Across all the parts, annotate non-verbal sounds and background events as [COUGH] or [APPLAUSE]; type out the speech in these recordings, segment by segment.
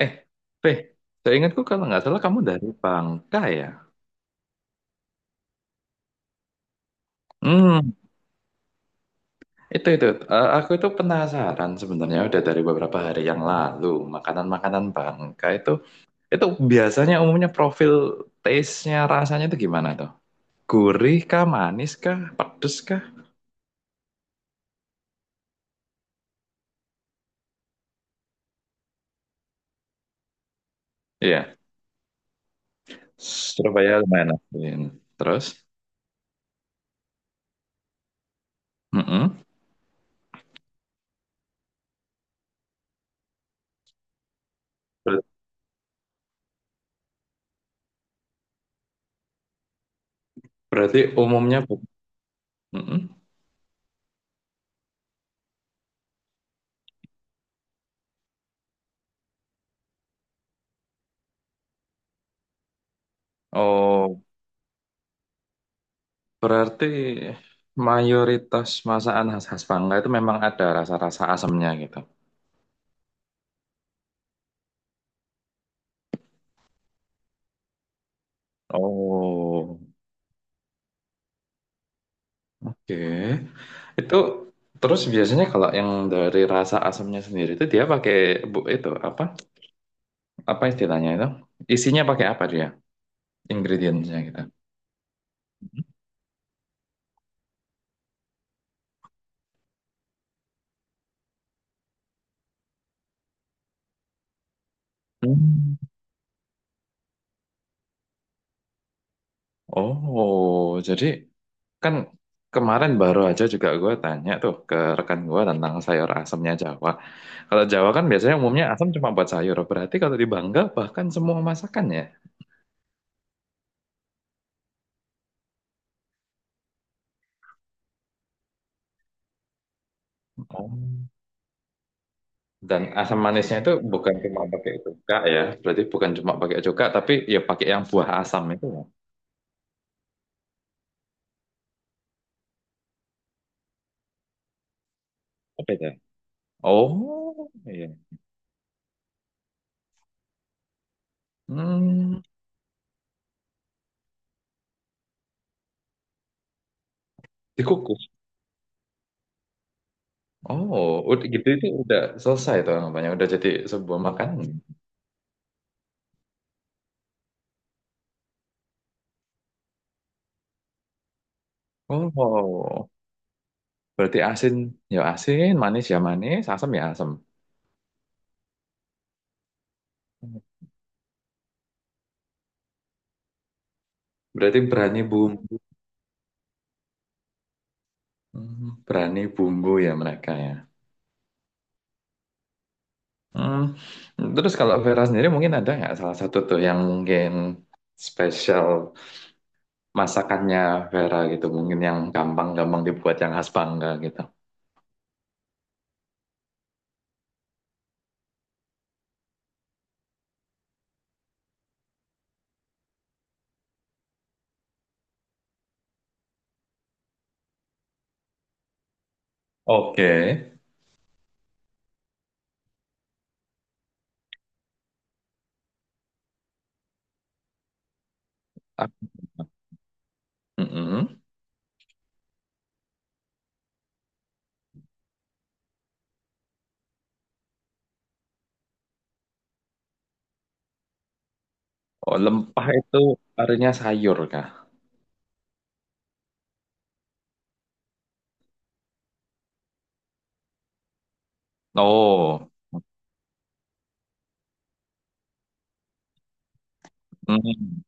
Eh, Fe, seingatku kalau nggak salah kamu dari Bangka ya? Hmm, itu. Aku itu penasaran sebenarnya udah dari beberapa hari yang lalu makanan-makanan Bangka itu itu biasanya umumnya profil taste-nya rasanya itu gimana tuh? Gurih kah, manis kah, pedes kah? Iya, Surabaya lumayan asin. Terus, mm-mm. Ber- Berarti umumnya mm-mm. Oh. Berarti mayoritas masakan khas-khas Bangka itu memang ada rasa-rasa asamnya gitu. Oh, oke. Itu terus biasanya kalau yang dari rasa asamnya sendiri itu dia pakai itu apa? Apa istilahnya itu? Isinya pakai apa dia? Ingredientsnya gitu. Hmm. Oh, jadi kan kemarin baru aja juga gue tanya tuh ke rekan gue tentang sayur asamnya Jawa. Kalau Jawa kan biasanya umumnya asam cuma buat sayur. Berarti kalau di Bangka bahkan semua masakan ya. Oh. Dan asam manisnya itu bukan cuma pakai cuka ya. Berarti bukan cuma pakai cuka, tapi ya pakai yang buah asam itu ya. Apa itu? Oh, iya. Hmm, Dikukus. Oh, udah gitu itu udah selesai tuh namanya. Udah jadi sebuah makanan. Oh. Berarti asin ya asin, manis ya manis, asam ya asam. Berarti berani bumbu, berani bumbu ya mereka ya. Hmm. Terus kalau Vera sendiri mungkin ada nggak salah satu tuh yang mungkin spesial masakannya Vera gitu, mungkin yang gampang-gampang dibuat yang khas Bangka gitu. Oke. Ah, mm-mm. Oh, lempah itu artinya sayur kah? Oh. Mm.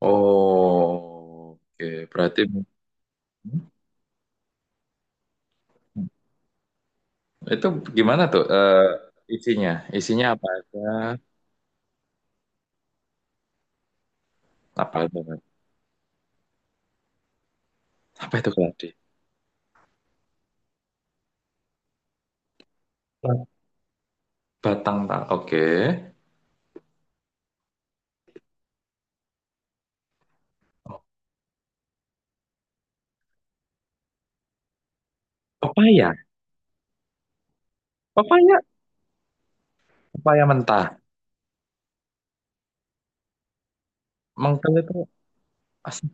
Oh. Oke, berarti itu gimana tuh isinya? Isinya apa aja? Apa aja? Apa itu keladi? Batang tak. Oke. Pepaya. Pepaya. Pepaya mentah. Mengkel itu asin.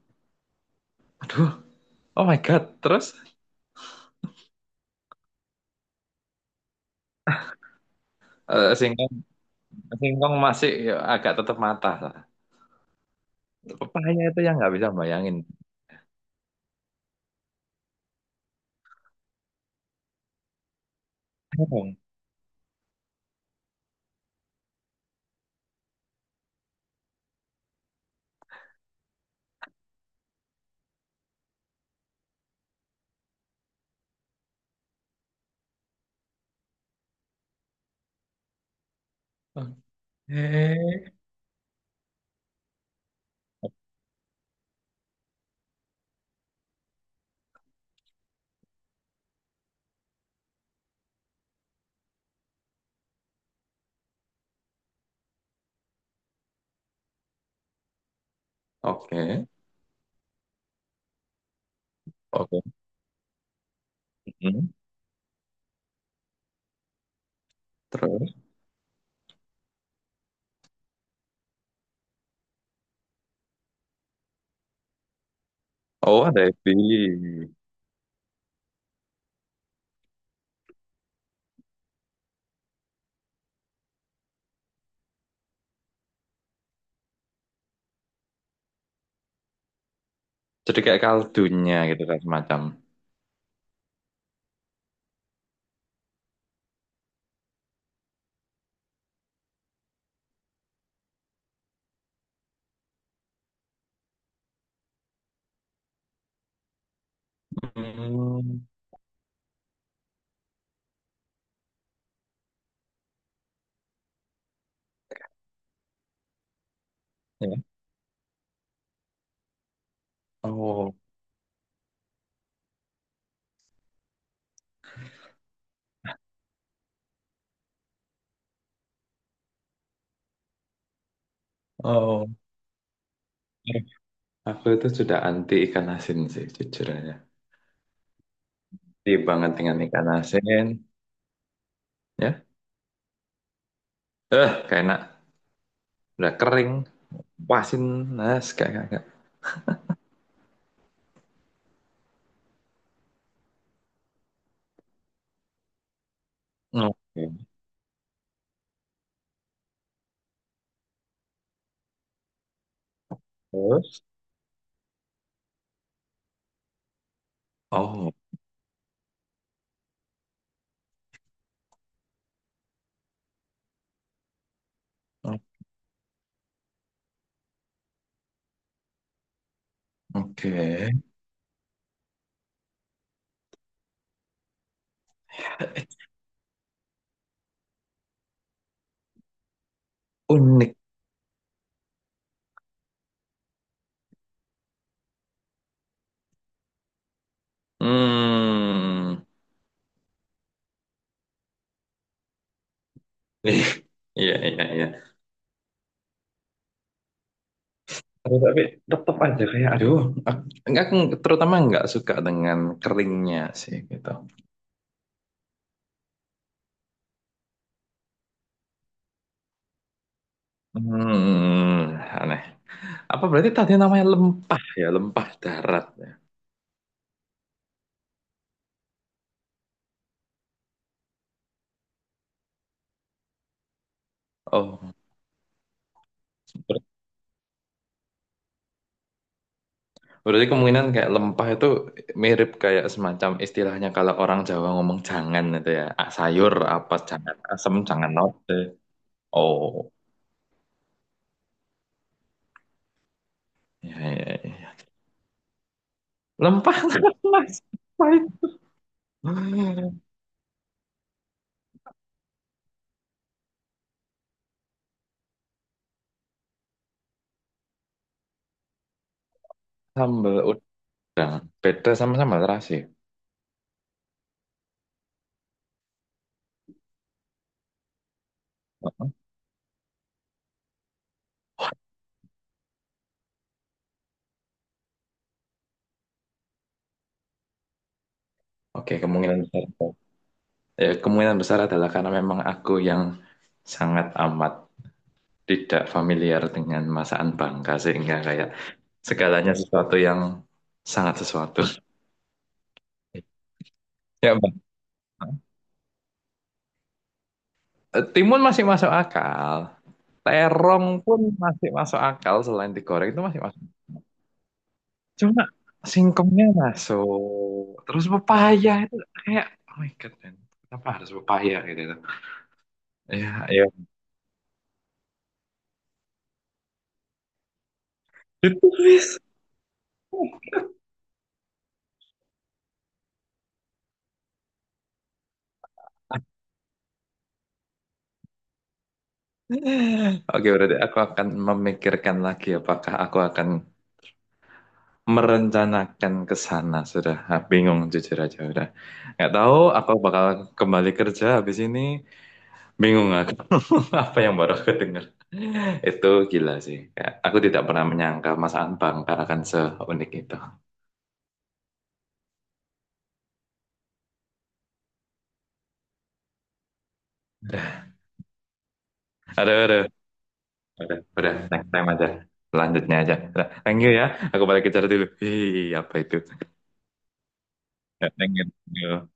Aduh. Oh my God. Terus singkong, singkong masih ya, agak tetap mata. Pepaya itu yang nggak bisa bayangin. Terong. Oke. Oke. Oke. Hmm. Terus. Oh, ada ebi. Jadi kayak kaldunya gitu kan semacam. Hmm. Ya. Oh, oh. Aku itu sudah anti ikan asin sih, jujur aja. Di banget dengan ikan asin, ya. Kayak enak. Udah kering, pasin, nas, kayak kayak. Oke. Terus? Oh, o- oke. Unik. Hmm. [LAUGHS] Ih, iya, iya, iya. Terus tapi tetap aja kayak, aduh, aku, enggak, aku terutama nggak suka dengan keringnya sih, gitu. Hmm, Aneh. Apa berarti tadi namanya lempah ya, lempah darat ya? Oh, ber- berarti kemungkinan kayak lempah itu mirip kayak semacam istilahnya kalau orang Jawa ngomong jangan itu ya, sayur apa jangan asem, jangan lode. Oh, ya ya ya. Lempah [LAUGHS] mas, pahit. Sambal ud- Beda sama sambal terasi. Oke, kemungkinan besar. Ya, kemungkinan besar adalah karena memang aku yang sangat amat tidak familiar dengan masakan Bangka sehingga kayak segalanya sesuatu yang sangat sesuatu. [LAUGHS] Ya, Bang. Timun masih masuk akal. Terong pun masih masuk akal selain digoreng itu masih masuk. Cuma singkongnya masuk. Terus pepaya itu kayak oh my God, man. Kenapa harus pepaya gitu tuh? Ya, ya. Itu please. Oke, berarti aku akan memikirkan lagi apakah aku akan merencanakan ke sana sudah. Ah, bingung jujur aja, udah nggak tahu aku bakal kembali kerja habis ini. Bingung aku. [LAUGHS] Apa yang baru aku dengar itu gila sih. Kayak aku tidak pernah menyangka, Mas Anbang, karena kan seunik itu. Aduh, aduh, udah, next time aja lanjutnya aja udah. Thank you ya, aku balik kerja dulu. Ih, apa itu. Ya, thank you